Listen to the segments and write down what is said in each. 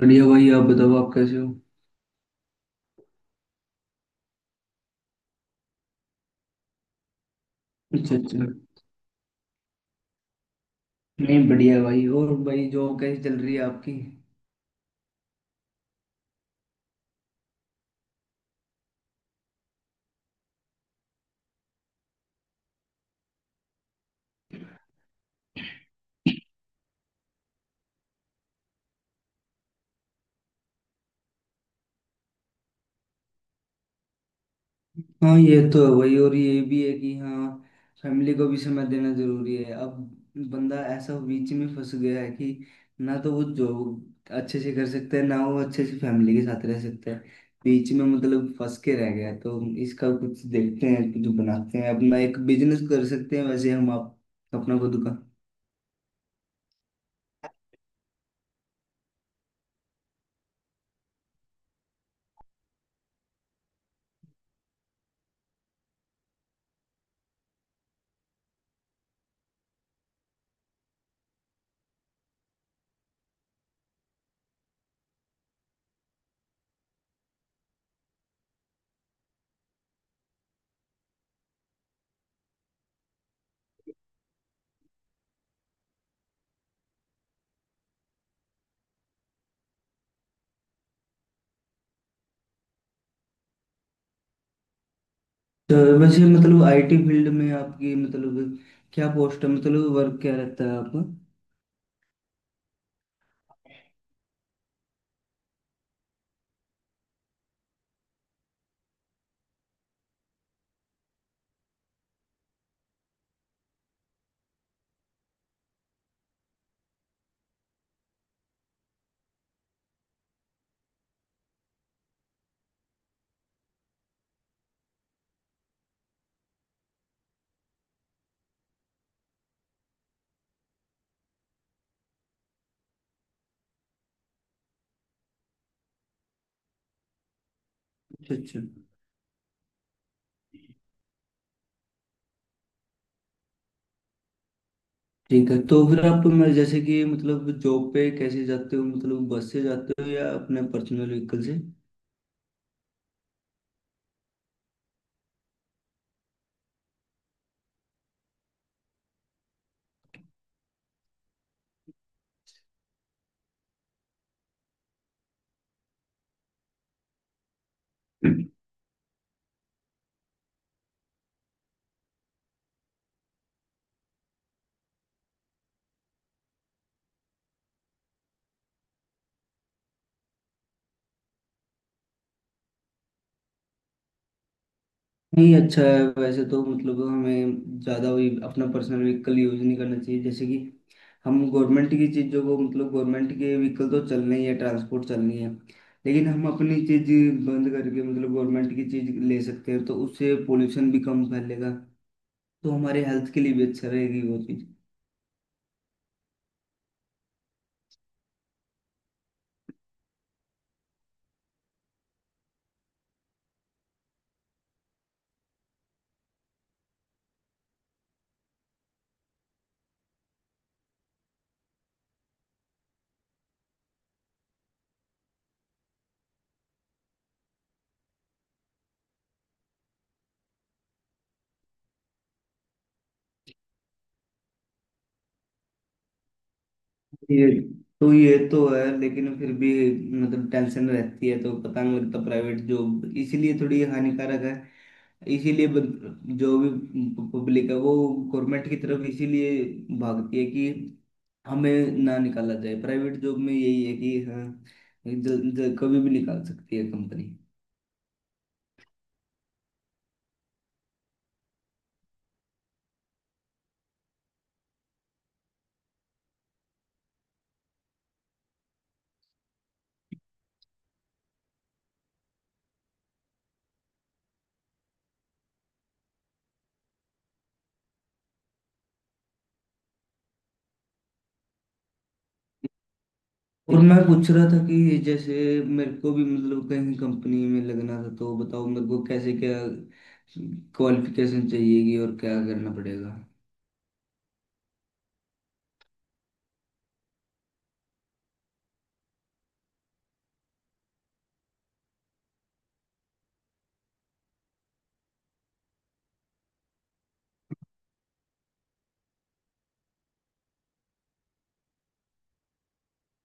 बढ़िया भाई। आप बताओ आप कैसे हो। अच्छा अच्छा। नहीं बढ़िया भाई। और भाई जॉब कैसी चल रही है आपकी। हाँ ये तो है भाई, और ये भी है कि हाँ फैमिली को भी समय देना जरूरी है अब। बंदा ऐसा बीच में फंस गया है कि ना तो वो जॉब अच्छे से कर सकता है ना वो अच्छे से फैमिली के साथ रह सकता है। बीच में मतलब फंस के रह गया है। तो इसका कुछ देखते हैं, कुछ बनाते हैं, अपना एक बिजनेस कर सकते हैं वैसे हम आप, अपना खुद का। तो वैसे मतलब आईटी फील्ड में आपकी मतलब क्या पोस्ट है, मतलब वर्क क्या रहता है आपका। अच्छा अच्छा। ठीक है, तो फिर आप मैं जैसे कि मतलब जॉब पे कैसे जाते हो, मतलब बस से जाते हो या अपने पर्सनल व्हीकल से। नहीं अच्छा है वैसे तो, मतलब हमें ज़्यादा वही अपना पर्सनल व्हीकल यूज़ नहीं करना चाहिए। जैसे कि हम गवर्नमेंट की चीज़ों को, मतलब गवर्नमेंट के व्हीकल तो चलने ही है, ट्रांसपोर्ट चलनी है, लेकिन हम अपनी चीज़ बंद करके मतलब गवर्नमेंट की चीज़ ले सकते हैं तो उससे पोल्यूशन भी कम फैलेगा। तो हमारे हेल्थ के लिए भी अच्छा रहेगी वो चीज़। ये ये तो है लेकिन फिर भी मतलब टेंशन रहती है तो पता नहीं लगता। प्राइवेट जॉब इसीलिए थोड़ी हानिकारक है। इसीलिए जो भी पब्लिक है वो गवर्नमेंट की तरफ इसीलिए भागती है कि हमें ना निकाला जाए। प्राइवेट जॉब में यही है कि हाँ, जल, जल, कभी भी निकाल सकती है कंपनी। और मैं पूछ रहा था कि जैसे मेरे को भी मतलब कहीं कंपनी में लगना था, तो बताओ मेरे को कैसे क्या क्वालिफिकेशन चाहिएगी और क्या करना पड़ेगा।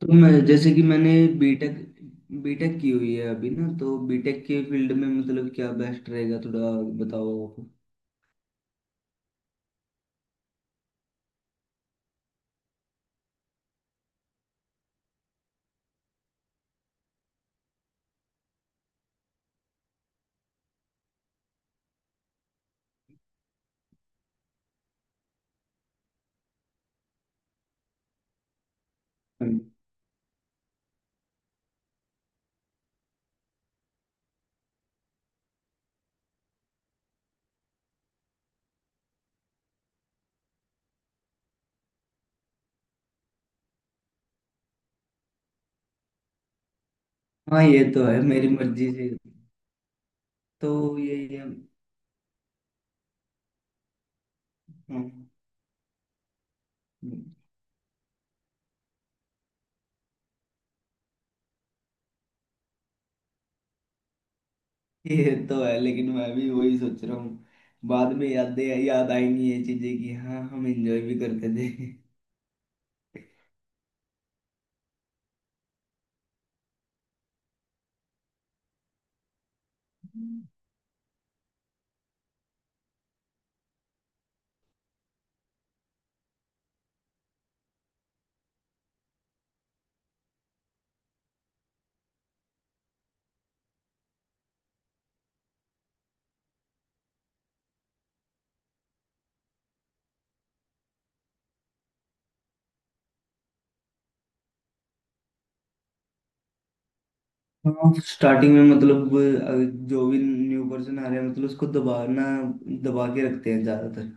तो मैं जैसे कि मैंने बीटेक बीटेक की हुई है अभी ना, तो बीटेक के फील्ड में मतलब क्या बेस्ट रहेगा थोड़ा बताओ आप। हम्म। हाँ ये तो है, मेरी मर्जी से। तो ये ये, हम्म। ये तो है लेकिन मैं भी वही सोच रहा हूँ, बाद में यादें याद आएंगी ये चीजें कि हाँ हम एंजॉय भी करते थे। हाँ स्टार्टिंग में मतलब जो भी न्यू पर्सन आ रहे हैं मतलब उसको दबाना, दबा के रखते हैं ज्यादातर।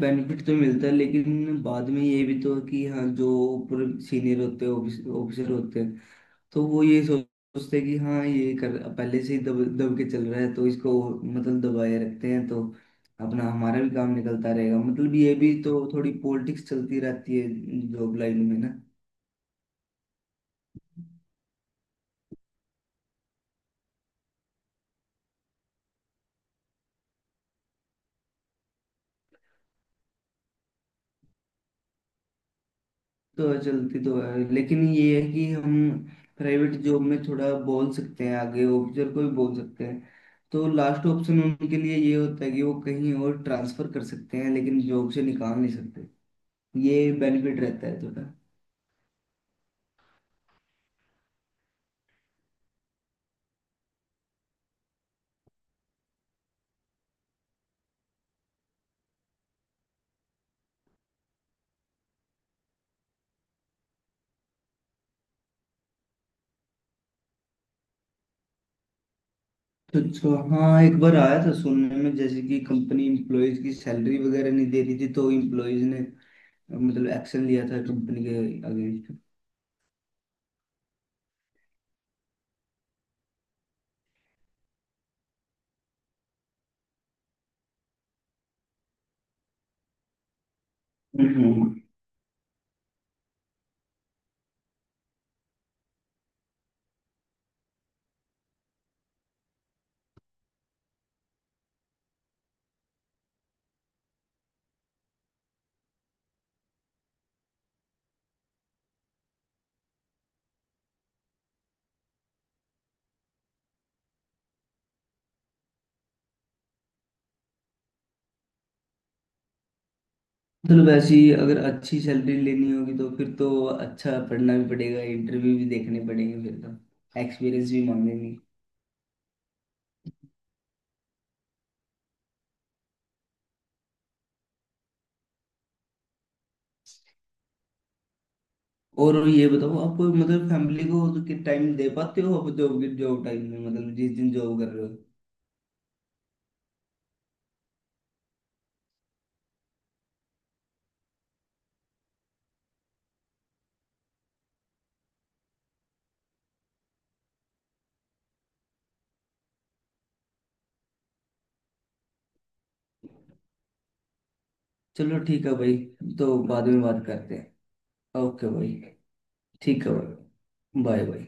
बेनिफिट तो मिलता है लेकिन बाद में ये भी तो है कि हाँ जो ऊपर सीनियर होते हैं, ऑफिसर होते हैं, तो वो ये सोचते हैं कि हाँ ये कर पहले से ही दब दब के चल रहा है तो इसको मतलब दबाए रखते हैं, तो अपना हमारा भी काम निकलता रहेगा। मतलब ये भी तो थोड़ी पॉलिटिक्स चलती रहती है जॉब लाइन में ना। तो चलती तो है लेकिन ये है कि हम प्राइवेट जॉब में थोड़ा बोल सकते हैं, आगे ऑफिसर को भी बोल सकते हैं, तो लास्ट ऑप्शन उनके लिए ये होता है कि वो कहीं और ट्रांसफर कर सकते हैं लेकिन जॉब से निकाल नहीं सकते। ये बेनिफिट रहता है थोड़ा। अच्छा हाँ, एक बार आया था सुनने में जैसे कि कंपनी इम्प्लॉयज की सैलरी वगैरह नहीं दे रही थी तो इम्प्लॉयज ने मतलब एक्शन लिया था कंपनी के अगेंस्ट। हम्म। मतलब ऐसी अगर अच्छी सैलरी लेनी होगी तो फिर तो अच्छा पढ़ना भी पड़ेगा, इंटरव्यू भी देखने पड़ेंगे, फिर तो एक्सपीरियंस भी मांगेंगे। और ये बताओ आप मतलब फैमिली को तो कि टाइम दे पाते हो आप जॉब के, जॉब टाइम में मतलब जिस दिन जॉब कर रहे हो। चलो ठीक है भाई, तो बाद में बात करते हैं। ओके भाई। ठीक है भाई। Bye bye.